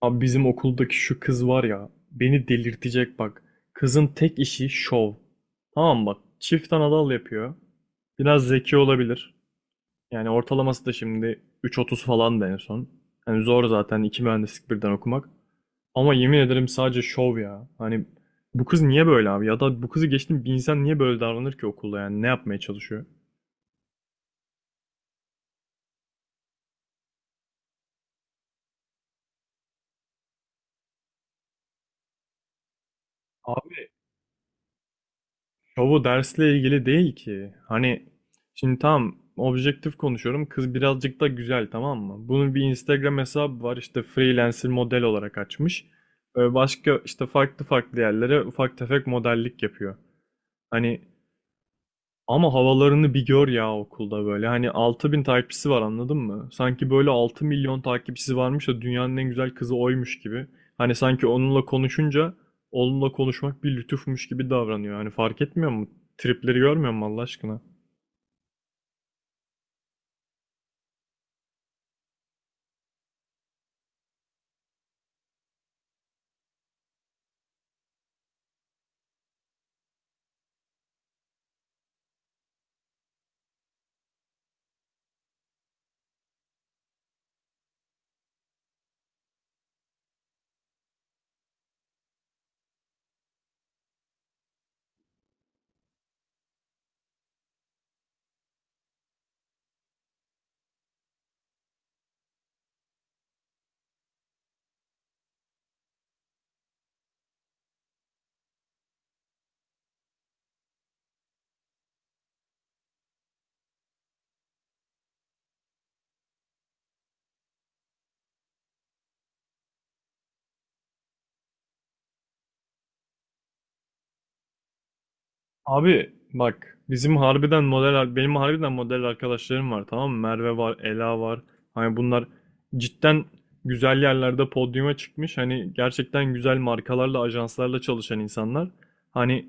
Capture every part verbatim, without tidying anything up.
Abi bizim okuldaki şu kız var ya beni delirtecek bak. Kızın tek işi şov. Tamam bak çift anadal yapıyor. Biraz zeki olabilir. Yani ortalaması da şimdi üç otuz falan da en son. Hani zor zaten iki mühendislik birden okumak. Ama yemin ederim sadece şov ya. Hani bu kız niye böyle abi? Ya da bu kızı geçtim bir insan niye böyle davranır ki okulda yani ne yapmaya çalışıyor? Ya bu dersle ilgili değil ki. Hani şimdi tam objektif konuşuyorum. Kız birazcık da güzel tamam mı? Bunun bir Instagram hesabı var işte freelancer model olarak açmış. Ee, Başka işte farklı farklı yerlere ufak tefek modellik yapıyor. Hani ama havalarını bir gör ya okulda böyle. Hani altı bin takipçisi var anladın mı? Sanki böyle altı milyon takipçisi varmış da dünyanın en güzel kızı oymuş gibi. Hani sanki onunla konuşunca onunla konuşmak bir lütufmuş gibi davranıyor. Hani fark etmiyor mu? Tripleri görmüyor mu Allah aşkına? Abi bak bizim harbiden model benim harbiden model arkadaşlarım var tamam mı? Merve var, Ela var. Hani bunlar cidden güzel yerlerde podyuma çıkmış. Hani gerçekten güzel markalarla, ajanslarla çalışan insanlar. Hani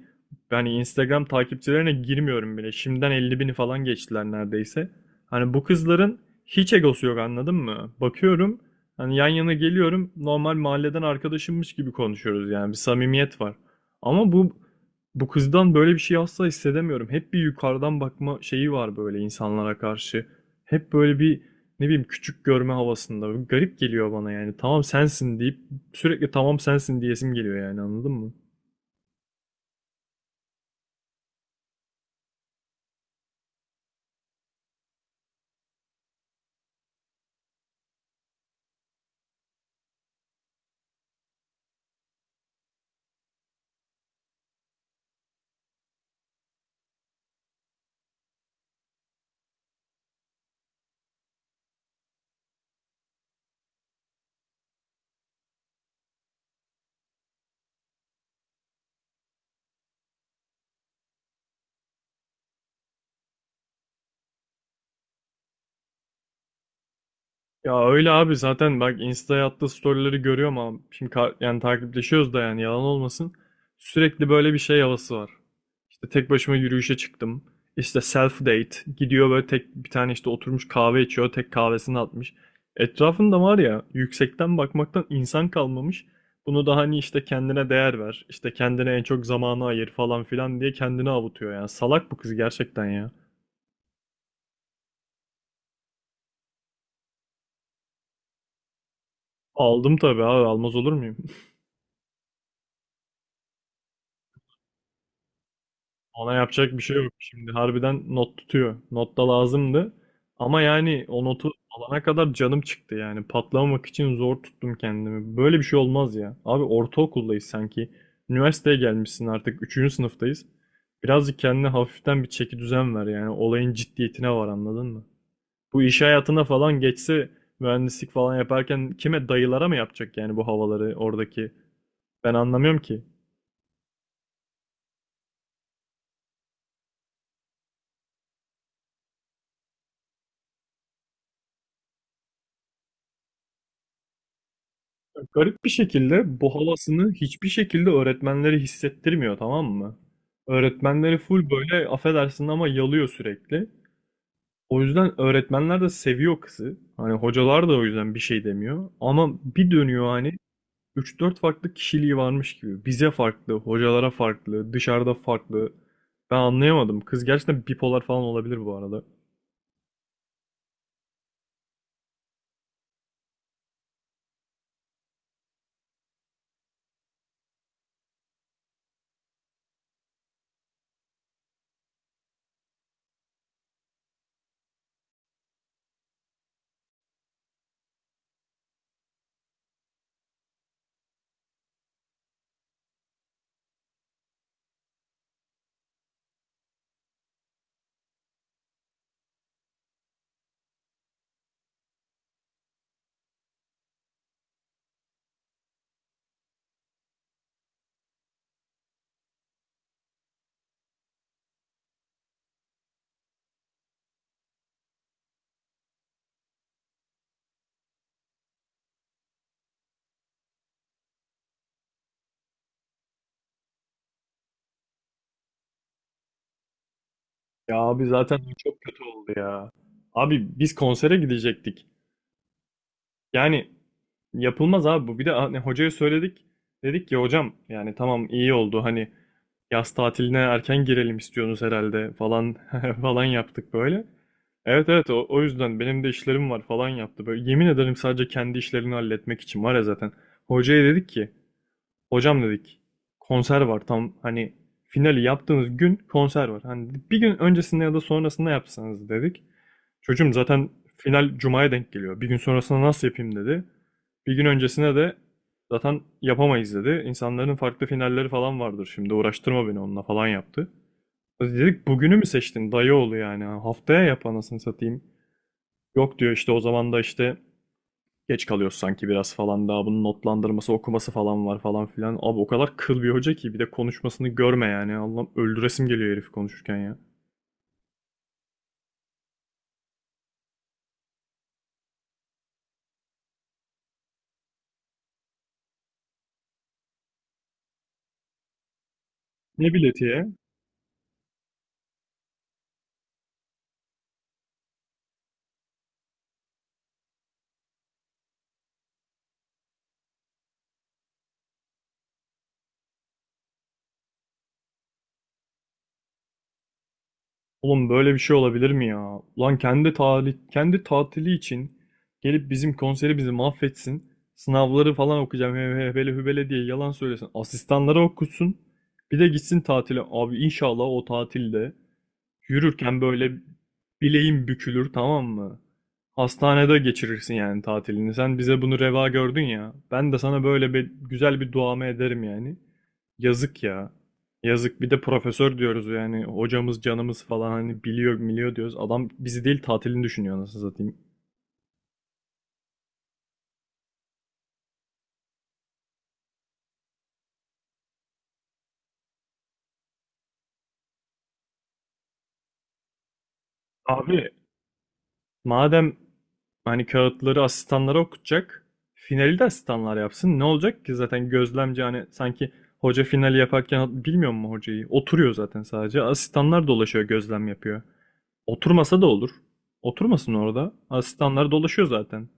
yani Instagram takipçilerine girmiyorum bile. Şimdiden elli bini falan geçtiler neredeyse. Hani bu kızların hiç egosu yok anladın mı? Bakıyorum hani yan yana geliyorum normal mahalleden arkadaşımmış gibi konuşuyoruz yani bir samimiyet var. Ama bu bu kızdan böyle bir şey asla hissedemiyorum. Hep bir yukarıdan bakma şeyi var böyle insanlara karşı. Hep böyle bir ne bileyim küçük görme havasında. Garip geliyor bana yani. Tamam sensin deyip sürekli tamam sensin diyesim geliyor yani anladın mı? Ya öyle abi zaten bak Insta'ya attığı storyleri görüyorum ama şimdi ka- yani takipleşiyoruz da yani yalan olmasın. Sürekli böyle bir şey havası var. İşte tek başıma yürüyüşe çıktım. İşte self date gidiyor böyle tek bir tane işte oturmuş kahve içiyor tek kahvesini atmış. Etrafında var ya yüksekten bakmaktan insan kalmamış. Bunu da hani işte kendine değer ver işte kendine en çok zamanı ayır falan filan diye kendini avutuyor yani salak bu kız gerçekten ya. Aldım tabii abi almaz olur muyum? Ona yapacak bir şey yok. Şimdi harbiden not tutuyor. Not da lazımdı. Ama yani o notu alana kadar canım çıktı yani. Patlamamak için zor tuttum kendimi. Böyle bir şey olmaz ya. Abi ortaokuldayız sanki. Üniversiteye gelmişsin artık. Üçüncü sınıftayız. Birazcık kendine hafiften bir çeki düzen ver yani. Olayın ciddiyetine var anladın mı? Bu iş hayatına falan geçse mühendislik falan yaparken kime dayılara mı yapacak yani bu havaları oradaki? Ben anlamıyorum ki. Garip bir şekilde bu havasını hiçbir şekilde öğretmenleri hissettirmiyor tamam mı? Öğretmenleri full böyle affedersin ama yalıyor sürekli. O yüzden öğretmenler de seviyor kızı. Hani hocalar da o yüzden bir şey demiyor. Ama bir dönüyor hani üç dört farklı kişiliği varmış gibi. Bize farklı, hocalara farklı, dışarıda farklı. Ben anlayamadım. Kız gerçekten bipolar falan olabilir bu arada. Ya abi zaten çok kötü oldu ya. Abi biz konsere gidecektik. Yani yapılmaz abi bu. Bir de hani hocaya söyledik. Dedik ki hocam yani tamam iyi oldu hani yaz tatiline erken girelim istiyorsunuz herhalde falan falan yaptık böyle. Evet evet o, o yüzden benim de işlerim var falan yaptı. Böyle yemin ederim sadece kendi işlerini halletmek için var ya zaten. Hocaya dedik ki hocam dedik konser var tam hani finali yaptığımız gün konser var. Hani bir gün öncesinde ya da sonrasında yapsanız dedik. Çocuğum zaten final cumaya denk geliyor. Bir gün sonrasında nasıl yapayım dedi. Bir gün öncesine de zaten yapamayız dedi. İnsanların farklı finalleri falan vardır şimdi uğraştırma beni onunla falan yaptı. Dedik bugünü mü seçtin dayı oğlu yani haftaya yap anasını satayım. Yok diyor işte o zaman da işte geç kalıyoruz sanki biraz falan daha bunun notlandırması okuması falan var falan filan. Abi o kadar kıl bir hoca ki bir de konuşmasını görme yani. Allah'ım öldüresim geliyor herif konuşurken ya. Ne bileti ya? Oğlum böyle bir şey olabilir mi ya? Ulan kendi tali kendi tatili için gelip bizim konseri bizi mahvetsin. Sınavları falan okuyacağım he- he- hele hübele diye yalan söylesin. Asistanlara okutsun. Bir de gitsin tatile. Abi inşallah o tatilde yürürken böyle bileğin bükülür tamam mı? Hastanede geçirirsin yani tatilini. Sen bize bunu reva gördün ya. Ben de sana böyle bir güzel bir duamı ederim yani. Yazık ya. Yazık bir de profesör diyoruz yani hocamız canımız falan hani biliyor biliyor diyoruz. Adam bizi değil tatilini düşünüyor nasıl satayım. Abi madem hani kağıtları asistanlara okutacak, finali de asistanlar yapsın. Ne olacak ki zaten gözlemci hani sanki hoca finali yaparken bilmiyor mu hocayı? Oturuyor zaten sadece. Asistanlar dolaşıyor, gözlem yapıyor. Oturmasa da olur. Oturmasın orada. Asistanlar dolaşıyor zaten.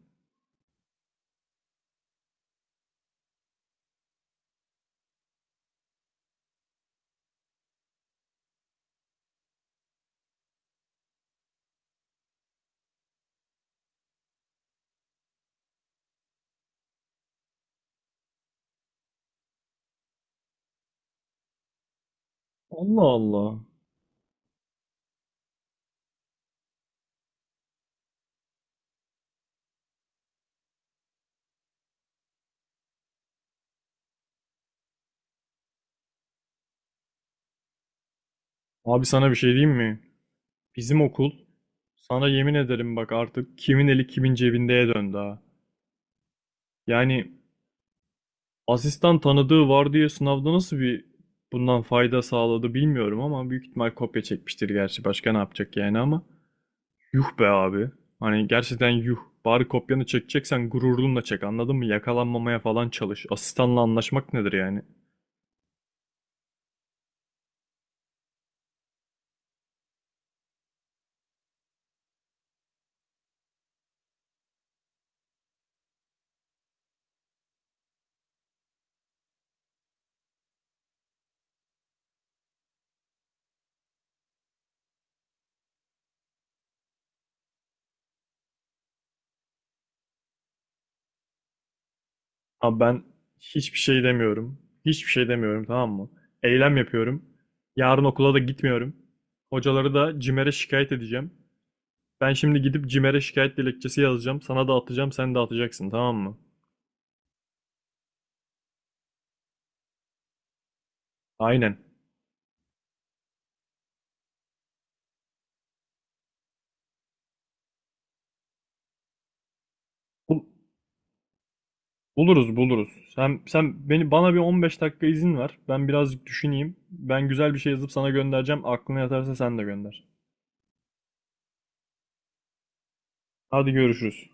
Allah Allah. Abi sana bir şey diyeyim mi? Bizim okul sana yemin ederim bak artık kimin eli kimin cebindeye döndü ha. Yani asistan tanıdığı var diye sınavda nasıl bir bundan fayda sağladı bilmiyorum ama büyük ihtimal kopya çekmiştir gerçi. Başka ne yapacak yani ama. Yuh be abi. Hani gerçekten yuh. Bari kopyanı çekeceksen gururunla çek anladın mı? Yakalanmamaya falan çalış. Asistanla anlaşmak nedir yani? Abi ben hiçbir şey demiyorum. Hiçbir şey demiyorum tamam mı? Eylem yapıyorum. Yarın okula da gitmiyorum. Hocaları da CİMER'e şikayet edeceğim. Ben şimdi gidip CİMER'e şikayet dilekçesi yazacağım. Sana da atacağım, sen de atacaksın tamam mı? Aynen. Bul- buluruz buluruz. Sen sen beni bana bir on beş dakika izin ver. Ben birazcık düşüneyim. Ben güzel bir şey yazıp sana göndereceğim. Aklına yatarsa sen de gönder. Hadi görüşürüz.